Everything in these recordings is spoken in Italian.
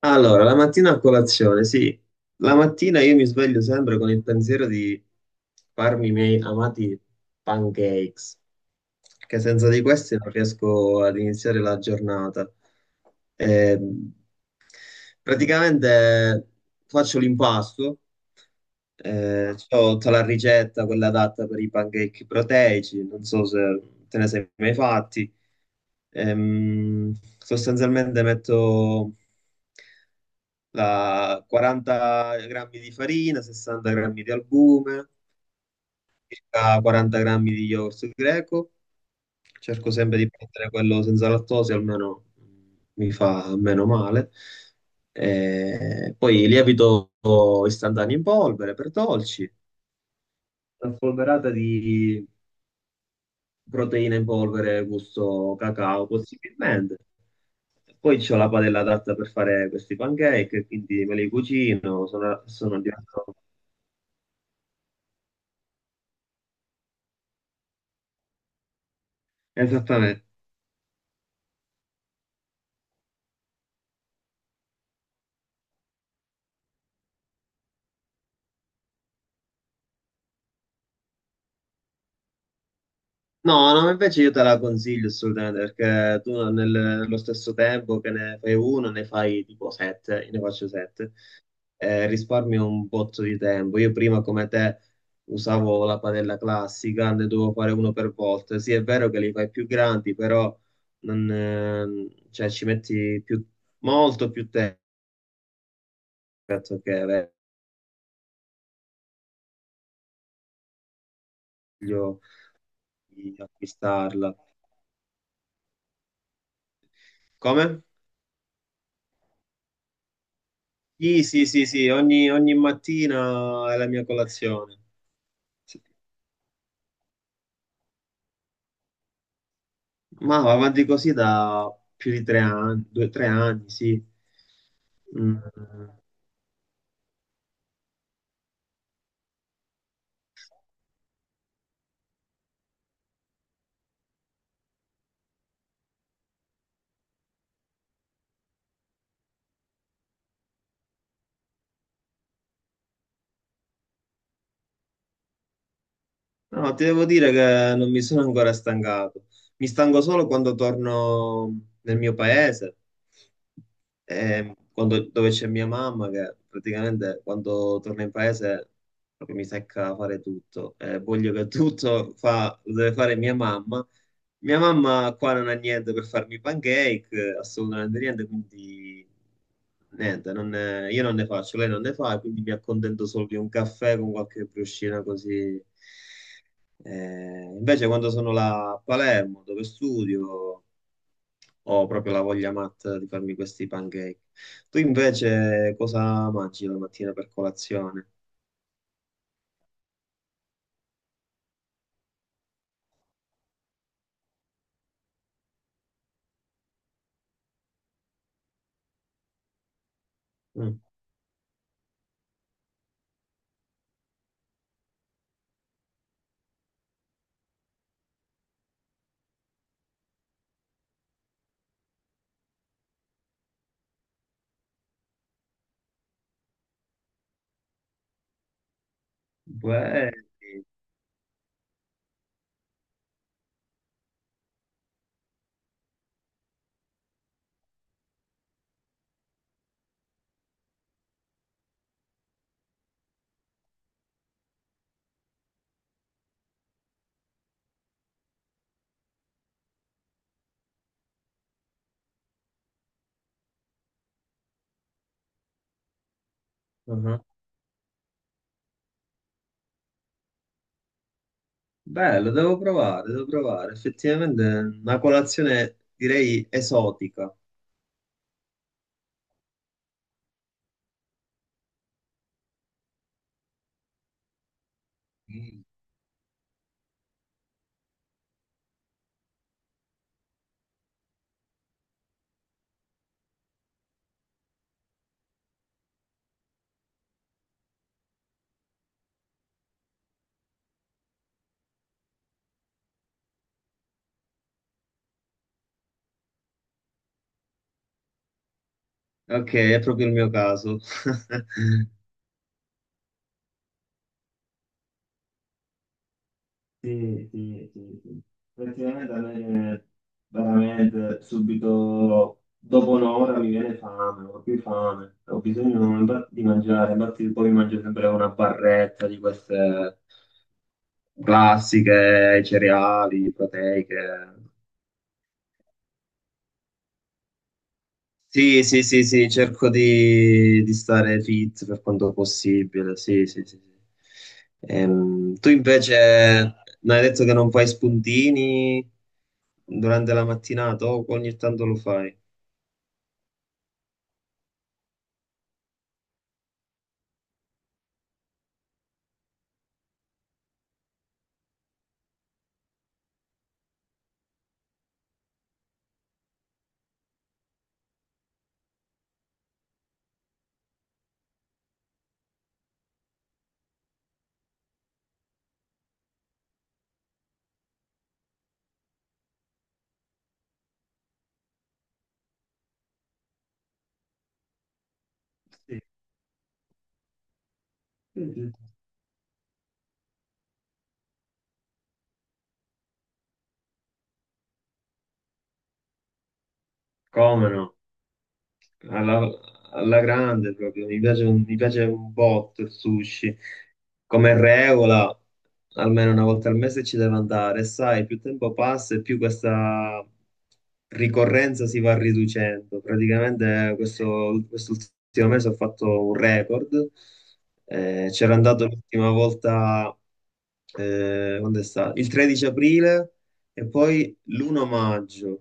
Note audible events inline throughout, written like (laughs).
Allora, la mattina a colazione, sì. La mattina io mi sveglio sempre con il pensiero di farmi i miei amati pancakes, che senza di questi non riesco ad iniziare la giornata. Ehm, praticamente faccio l'impasto, c'ho tutta la ricetta, quella adatta per i pancake proteici, non so se te ne sei mai fatti. Ehm, Sostanzialmente metto la 40 grammi di farina, 60 grammi di albume, circa 40 grammi di yogurt greco. Cerco sempre di prendere quello senza lattosio, almeno mi fa meno male. E poi lievito istantaneo in polvere per dolci, una spolverata di proteine in polvere gusto cacao possibilmente. Poi c'ho la padella adatta per fare questi pancake, quindi me li cucino, sono diventato. Esattamente. No, no, invece io te la consiglio assolutamente perché tu nello stesso tempo che ne fai uno, ne fai tipo sette, io ne faccio sette, risparmio un botto di tempo. Io prima come te usavo la padella classica, ne dovevo fare uno per volta. Sì, è vero che li fai più grandi, però non, cioè, molto più tempo, rispetto che è meglio di acquistarla. Come? Sì, sì, sì, sì, ogni mattina è la mia colazione. Sì. Ma va avanti così da più di 3 anni, due, 3 anni, sì. Mm. No, ti devo dire che non mi sono ancora stancato. Mi stanco solo quando torno nel mio paese, dove c'è mia mamma, che praticamente quando torno in paese proprio mi secca a fare tutto. Voglio che tutto fa, lo deve fare mia mamma. Mia mamma qua non ha niente per farmi i pancake, assolutamente niente, quindi niente, non ne- io non ne faccio, lei non ne fa, quindi mi accontento solo di un caffè con qualche briochina così. Invece quando sono là a Palermo, dove studio, ho proprio la voglia matta di farmi questi pancake. Tu invece cosa mangi la mattina per colazione? Mm. Belli. Bello, devo provare, devo provare. Effettivamente è una colazione direi esotica. Sì. Ok, è proprio il mio caso. (laughs) Sì, sì, sì, sì. Effettivamente a me veramente subito dopo un'ora mi viene fame, ho più fame, ho bisogno infatti di mangiare, infatti poi mangio sempre una barretta di queste classiche, cereali, proteiche. Sì, sì, sì, sì, cerco di stare fit per quanto possibile, sì, sì, sì, sì. Tu invece mi hai detto che non fai spuntini durante la mattinata o ogni tanto lo fai? Sì. Sì, sì. Come no? alla, Alla grande proprio, mi piace, mi piace un botto il sushi. Come regola, almeno una volta al mese ci deve andare, e sai, più tempo passa e più questa ricorrenza si va riducendo. Praticamente questo, quest'ultimo mese ho fatto un record, c'era andato l'ultima volta, quando è stato? Il 13 aprile e poi l'1 maggio.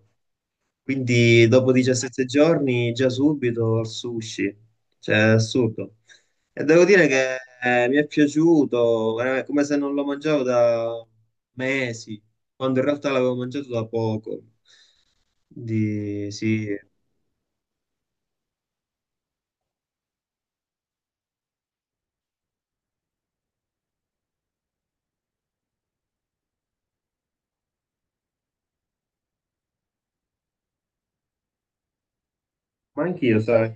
Quindi dopo 17 giorni già subito al sushi, cioè è assurdo. E devo dire che mi è piaciuto, veramente, come se non lo mangiavo da mesi, quando in realtà l'avevo mangiato da poco. Quindi sì, ma anch'io, sai,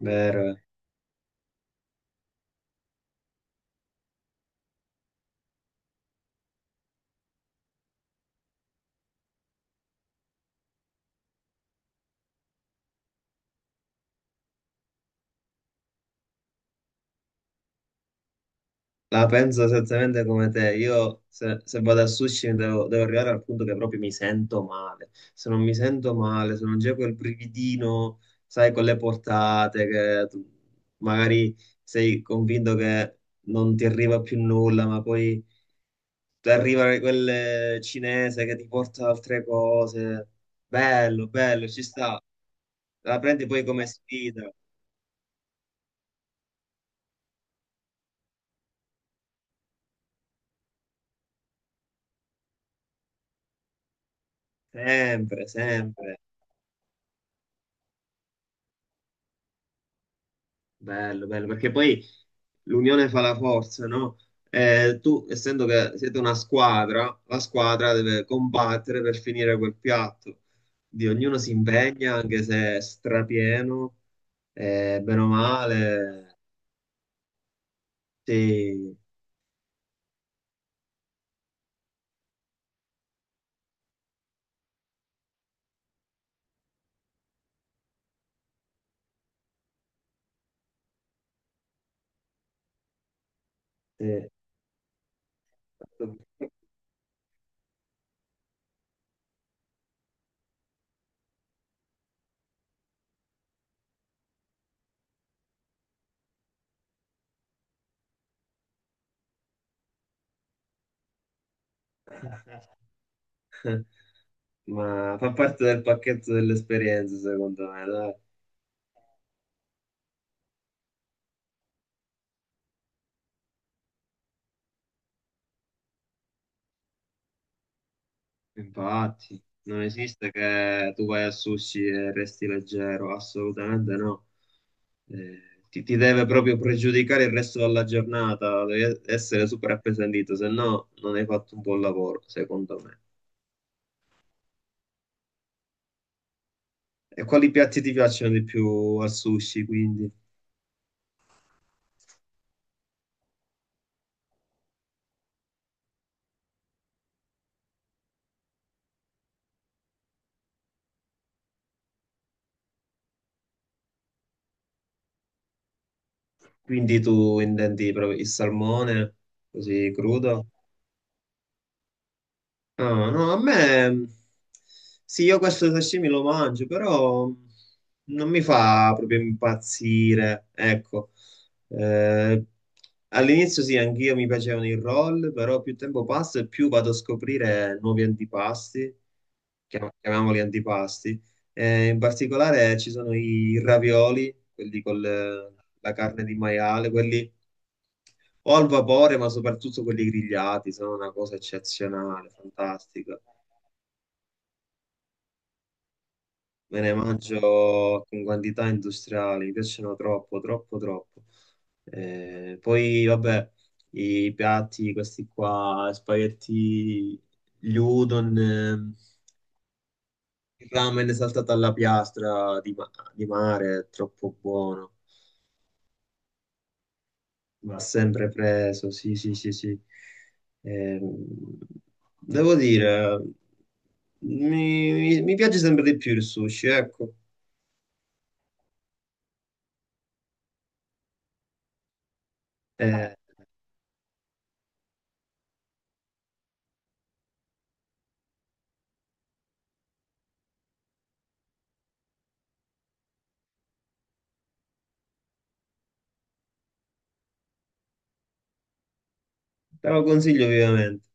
vero. La penso esattamente come te. Io se vado al sushi devo arrivare al punto che proprio mi sento male. Se non mi sento male, se non c'è quel brividino, sai, con le portate, che tu magari sei convinto che non ti arriva più nulla, ma poi ti arriva quel cinese che ti porta altre cose. Bello, bello, ci sta. La prendi poi come sfida, sempre, sempre. Bello, bello, perché poi l'unione fa la forza, no? Tu, essendo che siete una squadra, la squadra deve combattere per finire quel piatto. Di ognuno si impegna, anche se è strapieno, bene o male. Sì, sì. (laughs) Ma fa parte del pacchetto dell'esperienza, secondo me, dai. Infatti, non esiste che tu vai al sushi e resti leggero, assolutamente no. Eh, ti deve proprio pregiudicare il resto della giornata, devi essere super appesantito, se no non hai fatto un buon lavoro, secondo me. E quali piatti ti piacciono di più al sushi, quindi? Quindi tu intendi proprio il salmone, così crudo? Ah, no, a me mm, sì, io questo sashimi lo mangio, però non mi fa proprio impazzire. Ecco. Eh, all'inizio sì, anch'io mi piacevano i roll, però più tempo passa e più vado a scoprire nuovi antipasti, chiamiamoli antipasti. In particolare ci sono i ravioli, la carne di maiale, quelli o al vapore, ma soprattutto quelli grigliati, sono una cosa eccezionale, fantastica. Me ne mangio con quantità industriali, mi piacciono troppo, troppo, troppo. Poi, vabbè, i piatti, questi qua, spaghetti, gli udon, il ramen saltato alla piastra di mare, è troppo buono. Va sempre preso, sì, sì, sì, sì. Ehm, Devo dire, mi piace sempre di più il sushi, ecco. Eh, te lo consiglio vivamente.